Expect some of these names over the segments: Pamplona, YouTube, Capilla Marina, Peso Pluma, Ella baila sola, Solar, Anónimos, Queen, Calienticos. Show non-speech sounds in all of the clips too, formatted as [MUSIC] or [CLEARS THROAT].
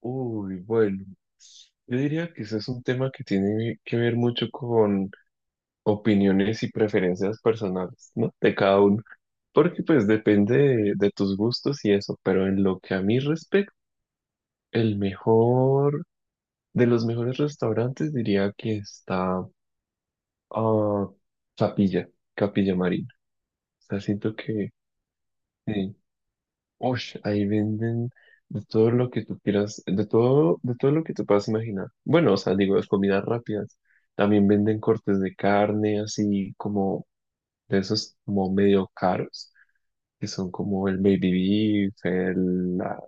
Uy, bueno, yo diría que eso es un tema que tiene que ver mucho con opiniones y preferencias personales, ¿no? De cada uno. Porque pues depende de tus gustos y eso, pero en lo que a mí respecta, el mejor, de los mejores restaurantes diría que está ah, Capilla, Capilla Marina. O sea, siento que eh, Ush, ahí venden de todo lo que tú quieras, de todo lo que te puedas imaginar. Bueno, o sea, digo, las comidas rápidas. También venden cortes de carne, así como de esos como medio caros, que son como el baby beef, la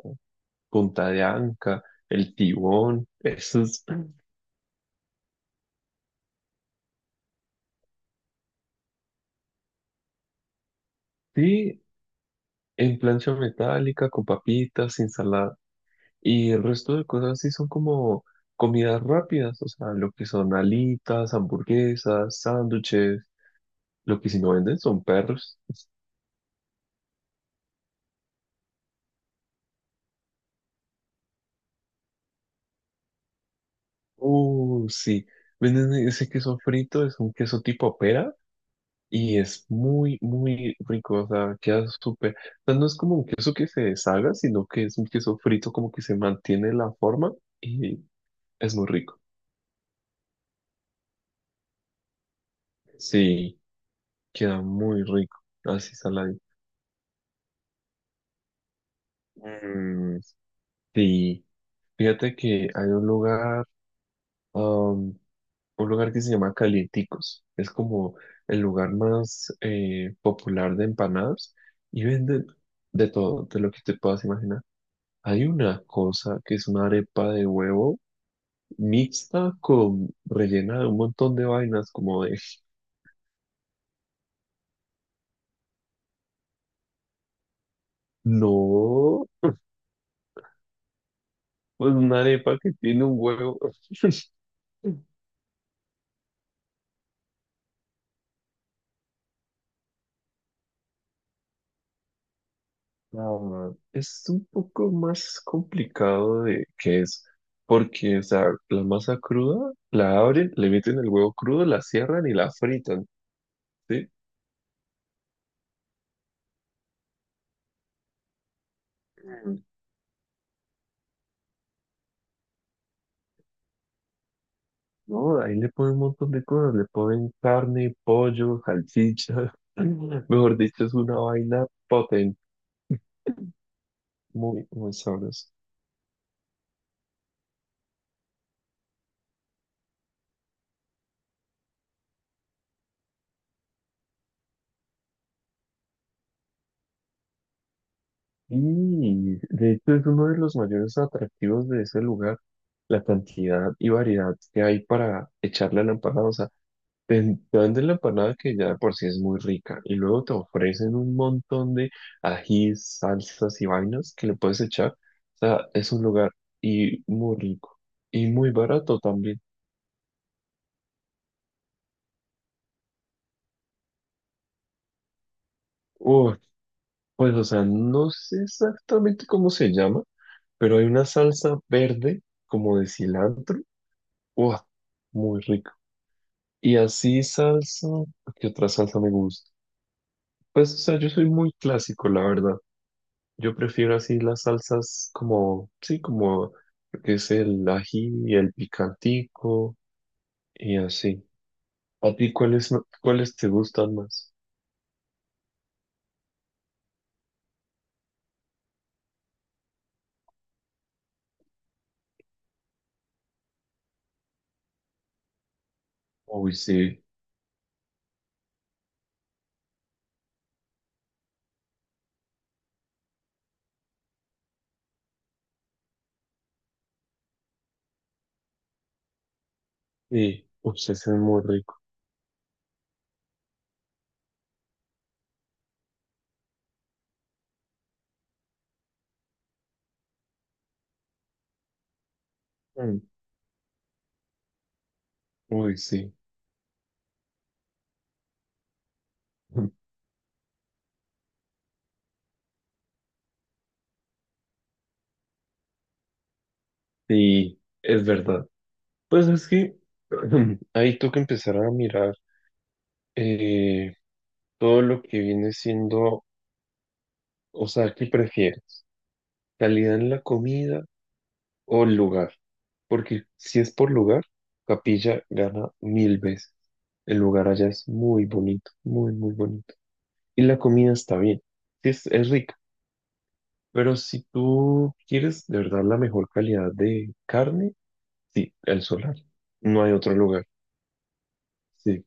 punta de anca, el tibón, esos. Sí, en plancha metálica, con papitas, ensalada. Y el resto de cosas sí son como comidas rápidas, o sea, lo que son alitas, hamburguesas, sándwiches, lo que si no venden son perros. Sí. Venden ese queso frito, es un queso tipo pera y es muy, muy rico. O sea, queda súper. O sea, no es como un queso que se deshaga, sino que es un queso frito como que se mantiene la forma y es muy rico. Sí, queda muy rico. Así saladito. Mm, sí. Fíjate que hay un lugar. Un lugar que se llama Calienticos. Es como el lugar más popular de empanadas y venden de todo, de lo que te puedas imaginar. Hay una cosa que es una arepa de huevo mixta con rellena de un montón de vainas, como de, no, pues una arepa que tiene un huevo. [LAUGHS] Ah, es un poco más complicado de que es, porque, o sea, la masa cruda la abren, le meten el huevo crudo, la cierran y la fritan, ¿sí? Mm. No, ahí le ponen un montón de cosas, le ponen carne, pollo, salchicha, [LAUGHS] mejor dicho, es una vaina potente, muy, muy sabrosa. Y de hecho es uno de los mayores atractivos de ese lugar, la cantidad y variedad que hay para echarle a la empanada, o sea, te dan de la empanada que ya de por sí es muy rica y luego te ofrecen un montón de ajís, salsas y vainas que le puedes echar. O sea, es un lugar y muy rico y muy barato también. Uf, pues o sea, no sé exactamente cómo se llama, pero hay una salsa verde como de cilantro. Uf, muy rico. Y así salsa, ¿qué otra salsa me gusta? Pues o sea, yo soy muy clásico, la verdad. Yo prefiero así las salsas como, sí, como lo que es el ají y el picantico y así. ¿A ti cuáles, cuáles te gustan más? Uy, sí, sí, uy, se hacen muy rico. Mm, uy, sí, [LAUGHS] sí, es verdad. Pues es que [CLEARS THROAT] ahí toca empezar a mirar eh, todo lo que viene siendo, o sea, ¿qué prefieres? ¿Calidad en la comida o el lugar? Porque si es por lugar, Capilla gana mil veces. El lugar allá es muy bonito, muy, muy bonito. Y la comida está bien, sí es rica. Pero si tú quieres de verdad la mejor calidad de carne, sí, el Solar. No hay otro lugar. Sí.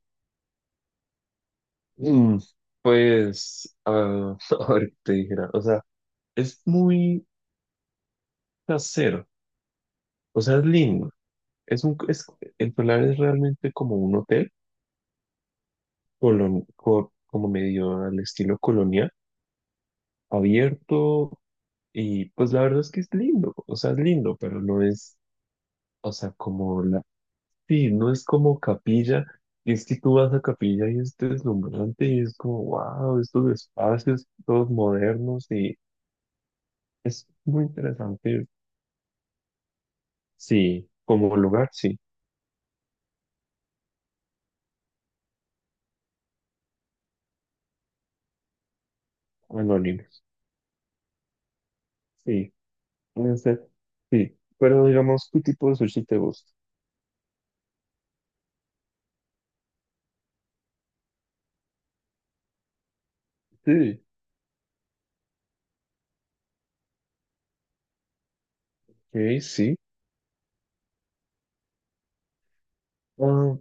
Mm, pues, ah, [LAUGHS] a ver qué te dijera. O sea, es muy casero. O sea, es lindo. Es un, es, el Solar es realmente como un hotel como medio al estilo colonial, abierto, y pues la verdad es que es lindo, o sea, es lindo, pero no es, o sea, como la, sí, no es como Capilla, y es que tú vas a Capilla y es deslumbrante y es como, wow, estos espacios todos modernos y es muy interesante, sí, como lugar, sí, Anónimos, sí, puede ser, sí, pero digamos, ¿qué tipo de sushi te gusta? Sí, ok, sí. ah,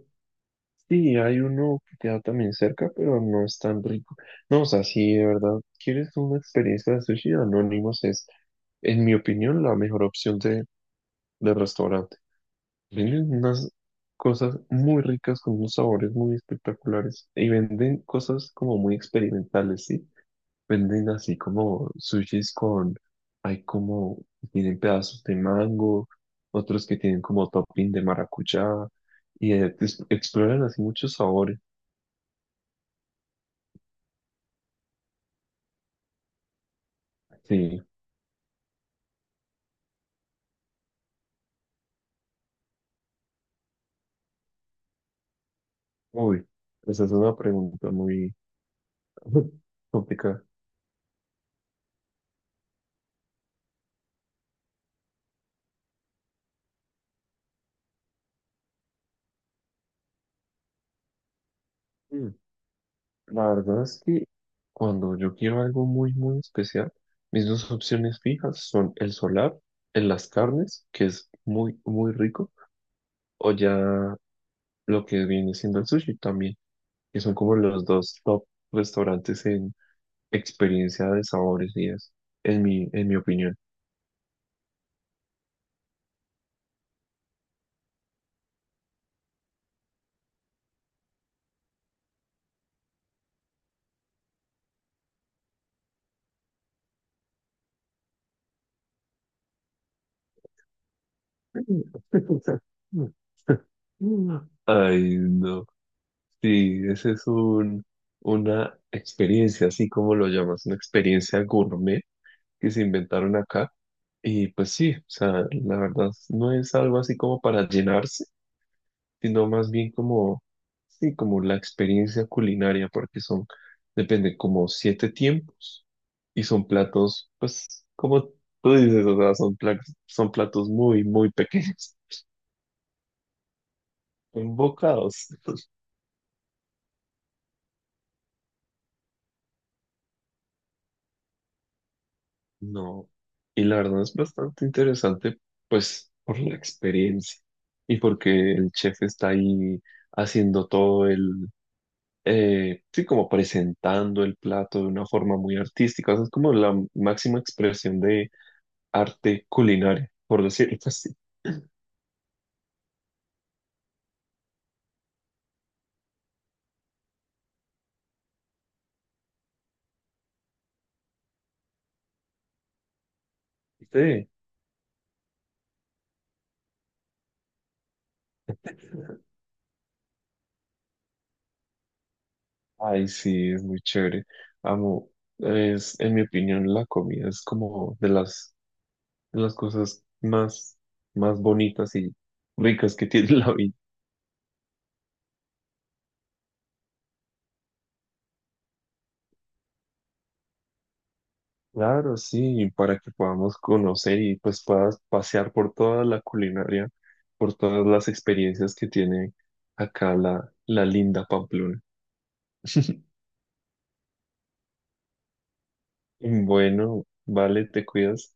Sí, hay uno que queda también cerca, pero no es tan rico. No, o sea, si de verdad quieres una experiencia de sushi, Anónimos es, en mi opinión, la mejor opción de restaurante. Venden unas cosas muy ricas con unos sabores muy espectaculares y venden cosas como muy experimentales, ¿sí? Venden así como sushis con, hay como, tienen pedazos de mango, otros que tienen como topping de maracuyá y pues, exploran así muchos sabores. Sí, uy, esa es una pregunta muy [LAUGHS] complicada. Mm. La verdad es que cuando yo quiero algo muy, muy especial, mis dos opciones fijas son el Solar en las carnes, que es muy, muy rico, o ya lo que viene siendo el sushi también, que son como los dos top restaurantes en experiencia de sabores y eso, en mi opinión. [LAUGHS] Ay, no. Sí, ese es un, una experiencia, así como lo llamas, una experiencia gourmet que se inventaron acá. Y pues sí, o sea, la verdad no es algo así como para llenarse, sino más bien como, sí, como la experiencia culinaria, porque son, depende, como siete tiempos y son platos, pues, como tú dices, o sea, son platos muy, muy pequeños, [LAUGHS] son bocados. No, y la verdad es bastante interesante, pues, por la experiencia y porque el chef está ahí haciendo todo el, sí, como presentando el plato de una forma muy artística, o sea, es como la máxima expresión de arte culinario, por decirlo [LAUGHS] así. Sí. Ay, sí, es muy chévere. Amo, es, en mi opinión, la comida es como de las cosas más, más bonitas y ricas que [LAUGHS] tiene la vida. Claro, sí, para que podamos conocer y pues puedas pasear por toda la culinaria, por todas las experiencias que tiene acá la linda Pamplona. [LAUGHS] Bueno, vale, te cuidas.